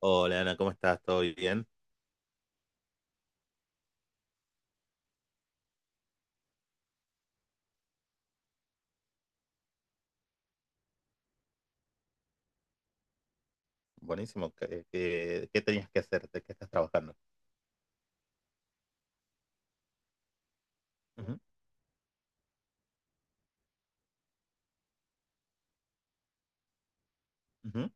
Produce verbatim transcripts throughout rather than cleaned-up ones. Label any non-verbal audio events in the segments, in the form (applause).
Hola Ana, ¿cómo estás? ¿Todo bien? Buenísimo. ¿Qué, qué- qué tenías que hacer? ¿De qué estás trabajando? Ujú, ujú.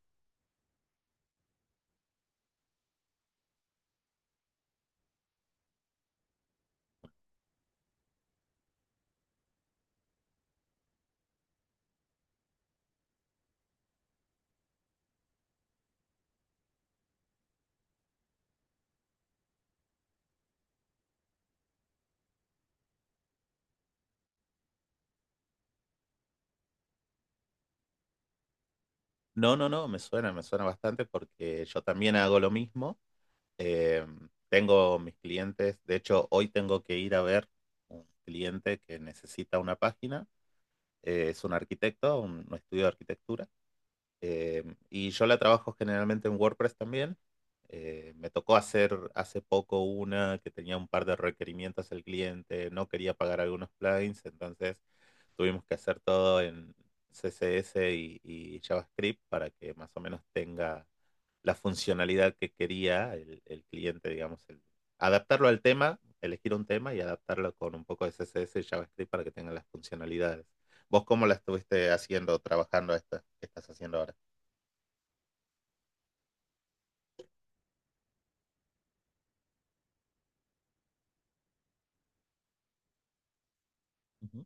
No, no, no, me suena, me suena bastante porque yo también hago lo mismo. Eh, tengo mis clientes, de hecho hoy tengo que ir a ver un cliente que necesita una página. Eh, es un arquitecto, un un estudio de arquitectura. Eh, y yo la trabajo generalmente en WordPress también. Eh, me tocó hacer hace poco una que tenía un par de requerimientos el cliente, no quería pagar algunos plugins, entonces tuvimos que hacer todo en C S S y, y JavaScript para que más o menos tenga la funcionalidad que quería el, el cliente, digamos, el- adaptarlo al tema, elegir un tema y adaptarlo con un poco de C S S y JavaScript para que tengan las funcionalidades. ¿Vos cómo la estuviste haciendo, trabajando esta? ¿Qué estás haciendo ahora? Ujú,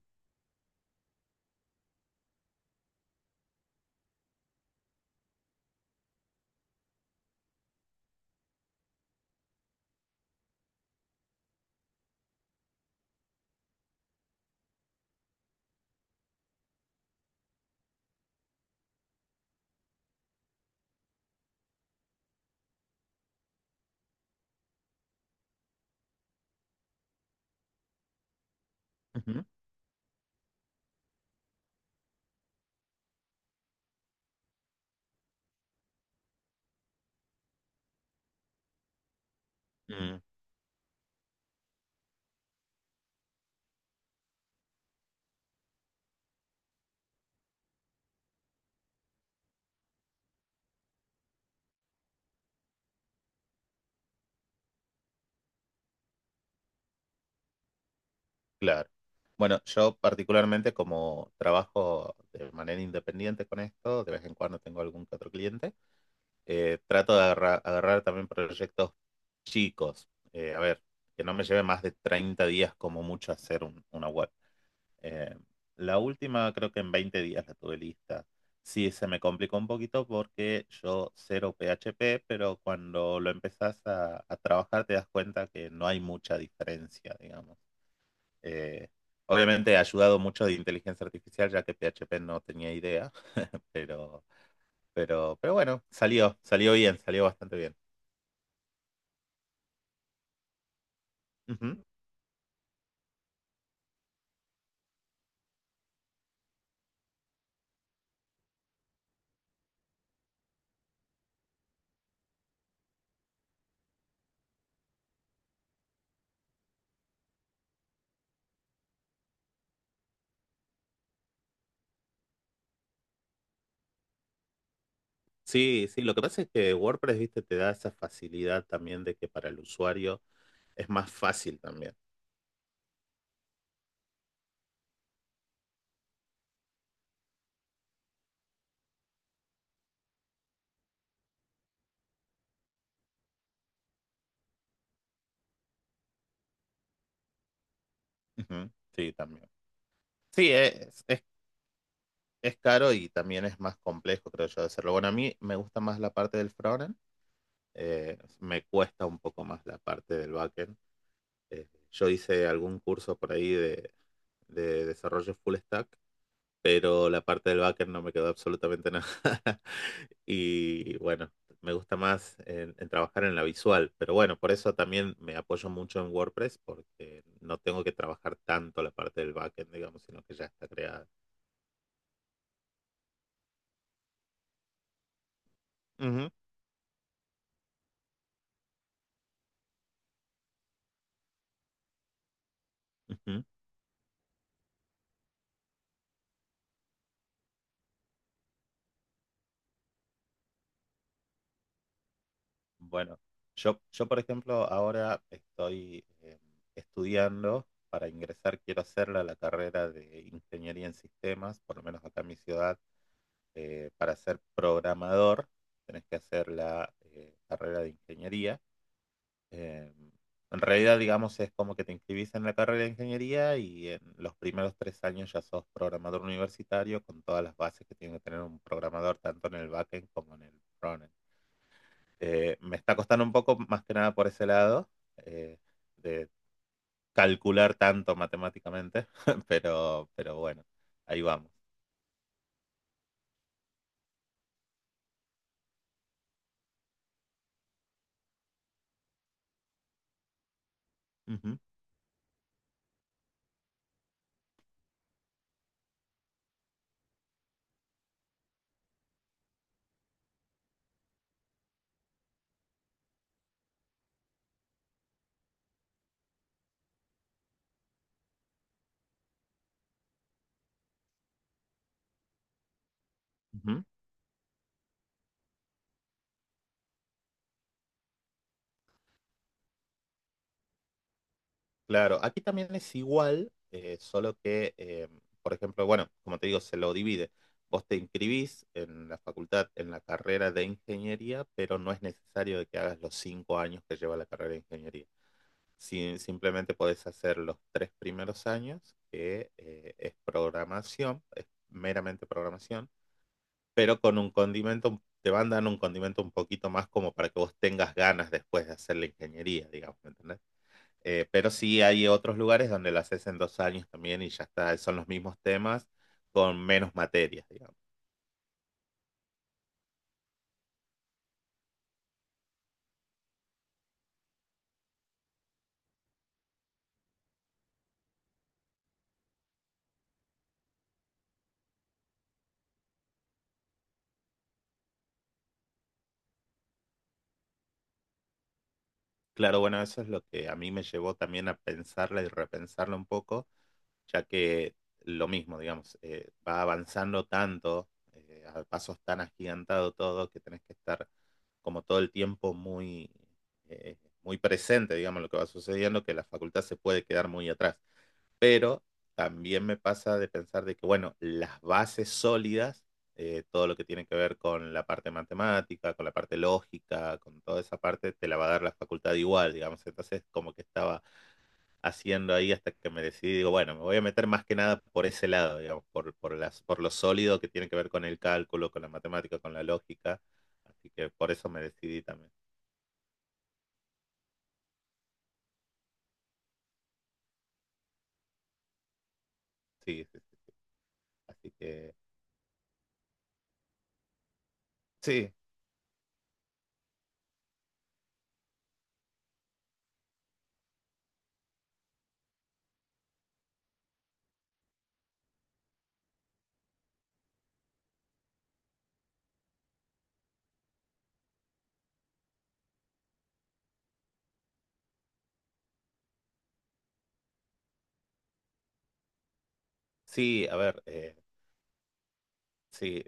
ujú. Mm, claro. Bueno, yo particularmente como trabajo de manera independiente con esto, de vez en cuando tengo algún que otro cliente, eh, trato de agarra- agarrar, también proyectos chicos. Eh, a ver, que no me lleve más de treinta días como mucho hacer un- una web. Eh, la última creo que en veinte días la tuve lista. Sí, se me complicó un poquito porque yo cero P H P, pero cuando lo empezás a, a trabajar te das cuenta que no hay mucha diferencia, digamos. Eh, obviamente ha ayudado mucho de inteligencia artificial, ya que P H P no tenía idea. (laughs) pero, pero, pero bueno, salió, salió bien, salió bastante bien. Ujú. Sí, sí, lo que pasa es que WordPress, viste, te da esa facilidad también de que para el usuario es más fácil también. Ujú. Sí, también. Sí, es, es, es caro y también es más complejo, creo yo, de hacerlo. Bueno, a mí me gusta más la parte del frontend, eh, me cuesta un poco más la parte del backend. Eh, yo hice algún curso por ahí de, de desarrollo full stack, pero la parte del backend no me quedó absolutamente nada. (laughs) Y bueno, me gusta más en, en trabajar en la visual, pero bueno, por eso también me apoyo mucho en WordPress porque no tengo que trabajar tanto la parte del backend, digamos, sino que ya está creada. Ujú. Ujú. Bueno, yo, yo por ejemplo ahora estoy eh, estudiando para ingresar, quiero hacer la, la carrera de ingeniería en sistemas, por lo menos acá en mi ciudad, eh, para ser programador tenés que hacer la eh, carrera de ingeniería. Eh, en realidad, digamos, es como que te inscribís en la carrera de ingeniería y en los primeros tres años ya sos programador universitario con todas las bases que tiene que tener un programador tanto en el backend como en el frontend. Eh, me está costando un poco más que nada por ese lado, eh, de calcular tanto matemáticamente. (laughs) pero, pero bueno, ahí vamos. Ujú, ujú. Claro, aquí también es igual, eh, solo que, eh, por ejemplo, bueno, como te digo, se lo divide. Vos te inscribís en la facultad, en la carrera de ingeniería, pero no es necesario de que hagas los cinco años que lleva la carrera de ingeniería. Si simplemente podés hacer los tres primeros años, que eh, es programación, es meramente programación, pero con un condimento, te van dando un condimento un poquito más como para que vos tengas ganas después de hacer la ingeniería, digamos, ¿me entendés? Eh, pero sí hay otros lugares donde lo haces en dos años también y ya está, son los mismos temas con menos materias, digamos. Claro, bueno, eso es lo que a mí me llevó también a pensarla y repensarla un poco ya que lo mismo, digamos, eh, va avanzando tanto, eh, a pasos tan agigantados todo, que tenés que estar como todo el tiempo muy, eh, muy presente, digamos, lo que va sucediendo, que la facultad se puede quedar muy atrás. Pero también me pasa de pensar de que, bueno, las bases sólidas, eh, todo lo que tiene que ver con la parte matemática, con la parte lógica, con toda esa parte, te la va a dar la facultad igual, digamos. Entonces, como que estaba haciendo ahí hasta que me decidí, digo, bueno, me voy a meter más que nada por ese lado, digamos, por, por las, por lo sólido que tiene que ver con el cálculo, con la matemática, con la lógica. Así que por eso me decidí también. Sí, sí, sí. Así que sí, sí, a ver, eh, sí,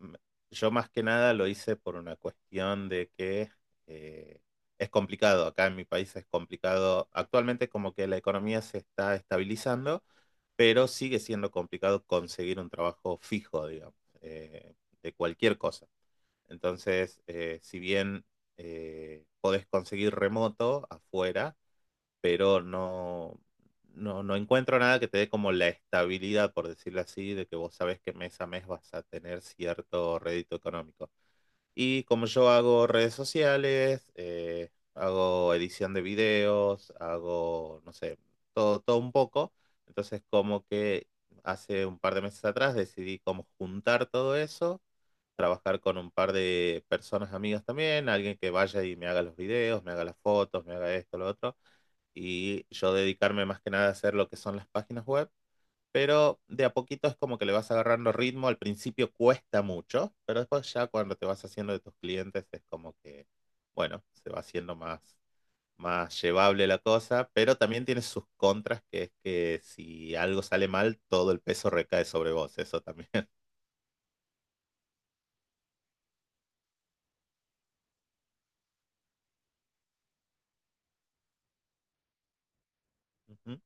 m- yo más que nada lo hice por una cuestión de que eh, es complicado, acá en mi país es complicado, actualmente como que la economía se está estabilizando, pero sigue siendo complicado conseguir un trabajo fijo, digamos, eh, de cualquier cosa. Entonces, eh, si bien eh, podés conseguir remoto afuera, pero no, no, no encuentro nada que te dé como la estabilidad, por decirlo así, de que vos sabes que mes a mes vas a tener cierto rédito económico. Y como yo hago redes sociales, eh, hago edición de videos, hago, no sé, todo, todo un poco, entonces como que hace un par de meses atrás decidí como juntar todo eso trabajar con un par de personas amigas también, alguien que vaya y me haga los videos, me haga las fotos, me haga esto, lo otro, y yo dedicarme más que nada a hacer lo que son las páginas web. Pero de a poquito es como que le vas agarrando ritmo. Al principio cuesta mucho, pero después ya cuando te vas haciendo de tus clientes es como que, bueno, se va haciendo más, más llevable la cosa. Pero también tiene sus contras, que es que si algo sale mal, todo el peso recae sobre vos. Eso también. (laughs) Ujú.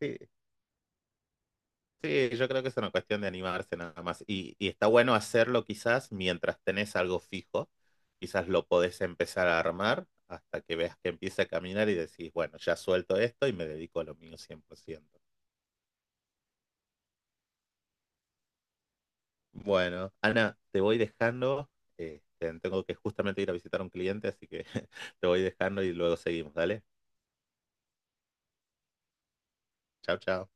Sí, sí, yo creo que es una cuestión de animarse nada más. Y, y está bueno hacerlo quizás mientras tenés algo fijo. Quizás lo podés empezar a armar hasta que veas que empieza a caminar y decís, bueno, ya suelto esto y me dedico a lo mío cien por ciento. Bueno, Ana, te voy dejando. eh, te- tengo que justamente ir a visitar a un cliente, así que (laughs) te voy dejando y luego seguimos. Dale. Chao, chao.